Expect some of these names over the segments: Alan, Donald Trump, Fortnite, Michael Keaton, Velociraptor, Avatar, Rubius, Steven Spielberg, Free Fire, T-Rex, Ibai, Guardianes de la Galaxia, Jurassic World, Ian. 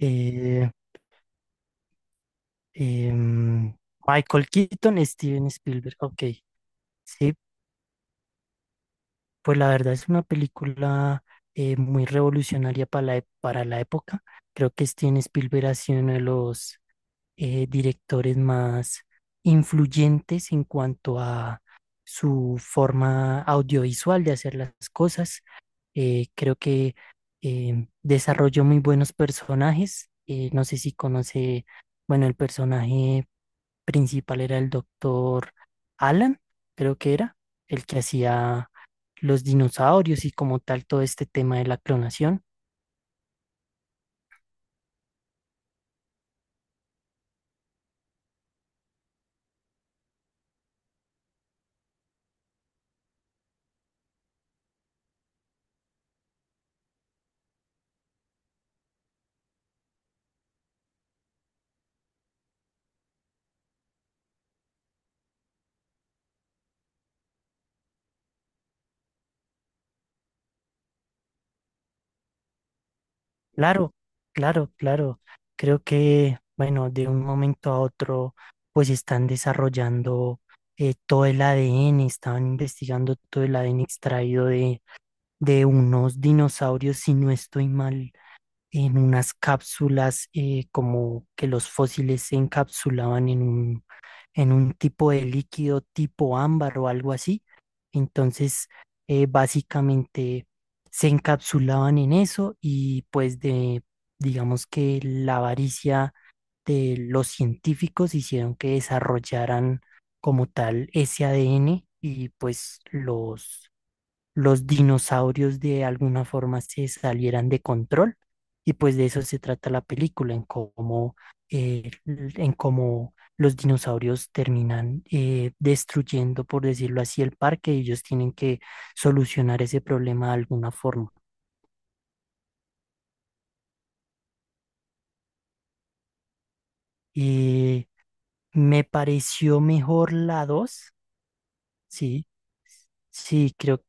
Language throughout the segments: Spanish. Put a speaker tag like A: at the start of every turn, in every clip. A: Eh, em, Michael Keaton, Steven Spielberg. Ok, sí, pues la verdad es una película muy revolucionaria para para la época. Creo que Steven Spielberg ha sido uno de los directores más influyentes en cuanto a su forma audiovisual de hacer las cosas. Creo que desarrolló muy buenos personajes. No sé si conoce, bueno, el personaje. Principal era el doctor Alan, creo que era, el que hacía los dinosaurios y como tal todo este tema de la clonación. Claro, claro. Creo que, bueno, de un momento a otro, pues están desarrollando todo el ADN, estaban investigando todo el ADN extraído de unos dinosaurios, si no estoy mal, en unas cápsulas, como que los fósiles se encapsulaban en un tipo de líquido tipo ámbar o algo así. Entonces, básicamente se encapsulaban en eso y pues de, digamos que la avaricia de los científicos hicieron que desarrollaran como tal ese ADN y pues los dinosaurios de alguna forma se salieran de control. Y pues de eso se trata la película, en cómo los dinosaurios terminan destruyendo, por decirlo así, el parque y ellos tienen que solucionar ese problema de alguna forma. Eh, me pareció mejor la dos, sí, sí, creo,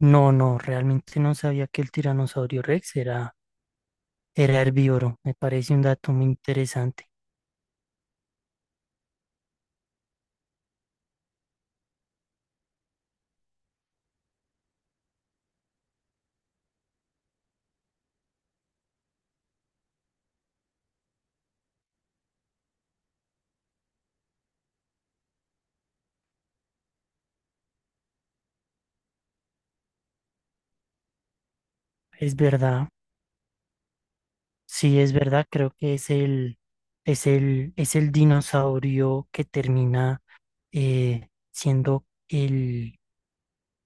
A: no, no, realmente no sabía que el tiranosaurio Rex era, era herbívoro, me parece un dato muy interesante. Es verdad, sí, es verdad, creo que es es el dinosaurio que termina siendo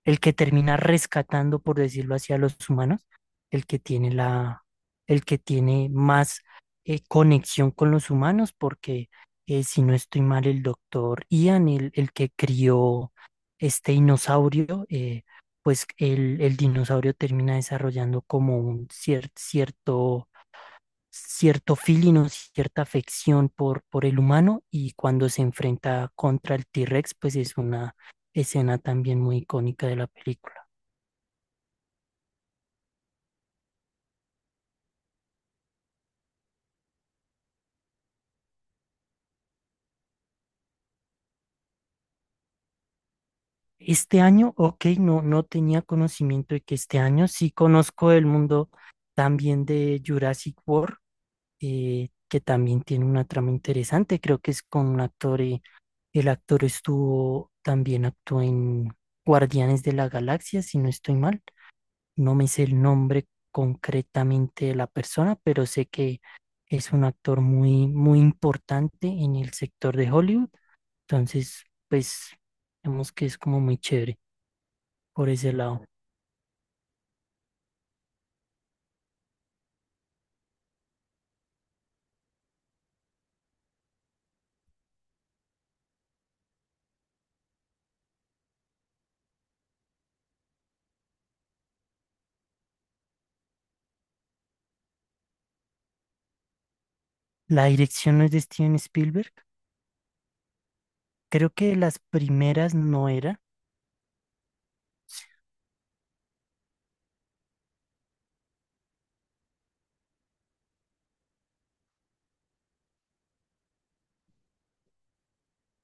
A: el que termina rescatando, por decirlo así, a los humanos, el que tiene la, el que tiene más conexión con los humanos, porque si no estoy mal, el doctor Ian, el que crió este dinosaurio, pues el dinosaurio termina desarrollando como un cierto feeling o cierta afección por el humano y cuando se enfrenta contra el T-Rex, pues es una escena también muy icónica de la película. Este año, ok, no, no tenía conocimiento de que este año sí conozco el mundo también de Jurassic World, que también tiene una trama interesante, creo que es con un actor, el actor estuvo, también actuó en Guardianes de la Galaxia, si no estoy mal. No me sé el nombre concretamente de la persona, pero sé que es un actor muy, muy importante en el sector de Hollywood. Entonces, pues, vemos que es como muy chévere por ese lado. La dirección no es de Steven Spielberg. Creo que las primeras no era.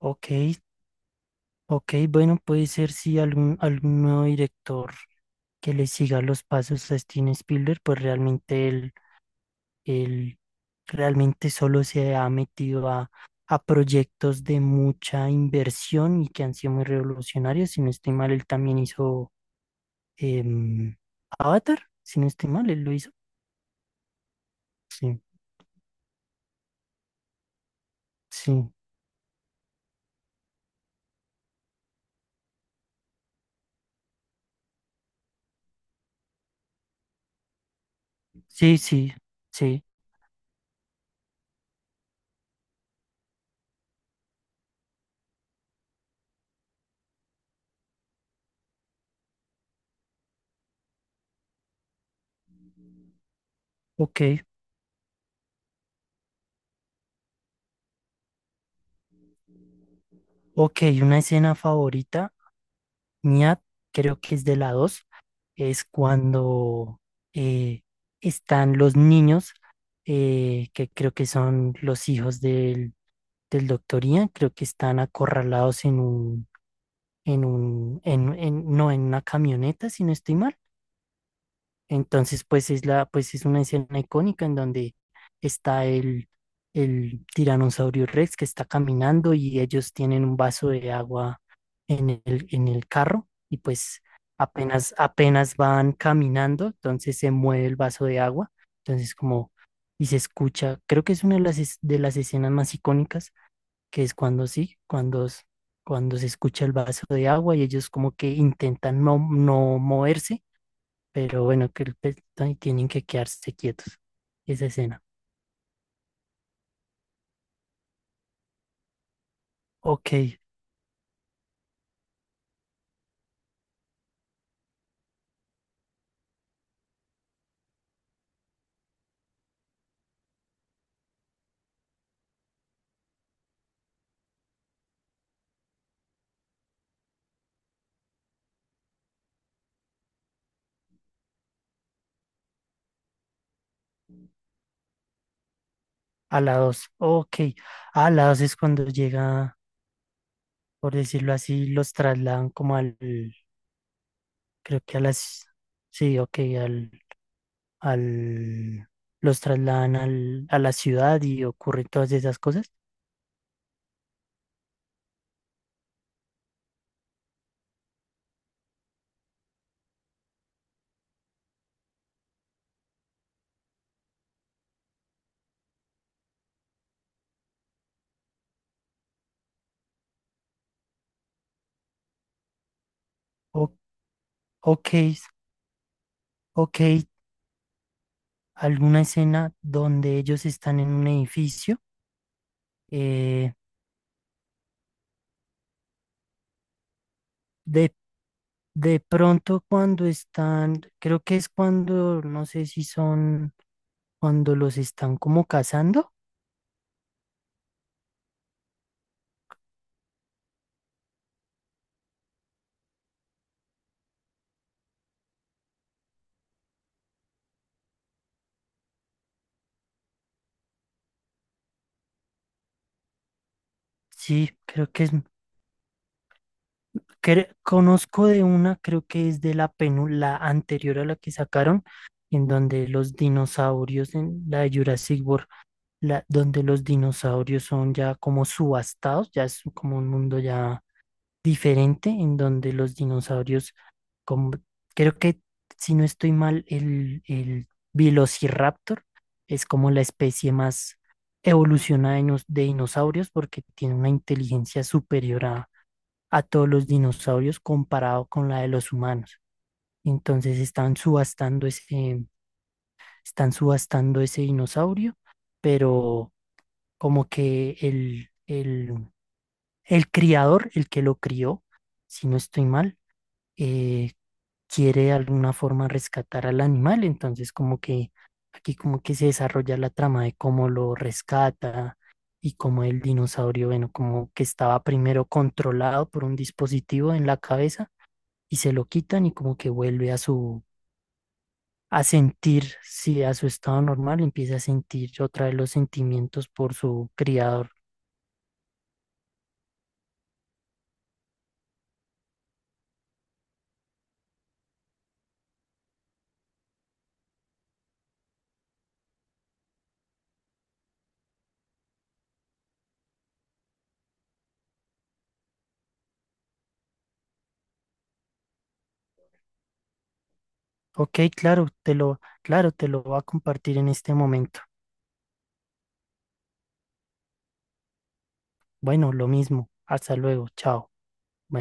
A: Ok, ok, bueno, puede ser si algún nuevo director que le siga los pasos a Steven Spielberg, pues realmente él realmente solo se ha metido a proyectos de mucha inversión y que han sido muy revolucionarios. Si no estoy mal, él también hizo em, Avatar. Si no estoy mal, él lo hizo. Sí, sí, sí, sí, sí. Ok, ok. Una escena favorita mía, creo que es de la 2, es cuando eh, están los niños, que creo que son los hijos del doctor Ian, creo que están acorralados en no en una camioneta, si no estoy mal. Entonces, pues es la, pues es una escena icónica en donde está el tiranosaurio Rex que está caminando y ellos tienen un vaso de agua en el carro y pues apenas, apenas van caminando, entonces se mueve el vaso de agua, entonces como, y se escucha, creo que es una de de las escenas más icónicas que es cuando sí, cuando se escucha el vaso de agua y ellos como que intentan no, no moverse, pero bueno, que el pez- ay, tienen que quedarse quietos. Esa escena. Ok, a la dos. Ok, a la dos es cuando llega, por decirlo así, los trasladan como al, creo que a las, sí, ok, al, los trasladan al, a la ciudad y ocurren todas esas cosas. O- ok, ok, alguna escena donde ellos están en un edificio. Eh, de, de pronto cuando están, creo que es cuando, no sé si son cuando los están como cazando. Sí, creo que es, cre- conozco de una, creo que es de la penu- la anterior a la que sacaron, en donde los dinosaurios, en la de Jurassic World, la, donde los dinosaurios son ya como subastados, ya es como un mundo ya diferente en donde los dinosaurios, como, creo que si no estoy mal, el Velociraptor es como la especie más evolucionada de nos- de dinosaurios porque tiene una inteligencia superior a todos los dinosaurios comparado con la de los humanos. Entonces están subastando ese dinosaurio, pero como que el criador, el que lo crió, si no estoy mal, eh, quiere de alguna forma rescatar al animal, entonces como que aquí como que se desarrolla la trama de cómo lo rescata y cómo el dinosaurio, bueno, como que estaba primero controlado por un dispositivo en la cabeza y se lo quitan y como que vuelve a su, a sentir, sí, a su estado normal, empieza a sentir otra vez los sentimientos por su criador. Ok, claro, claro, te lo voy a compartir en este momento. Bueno, lo mismo. Hasta luego. Chao.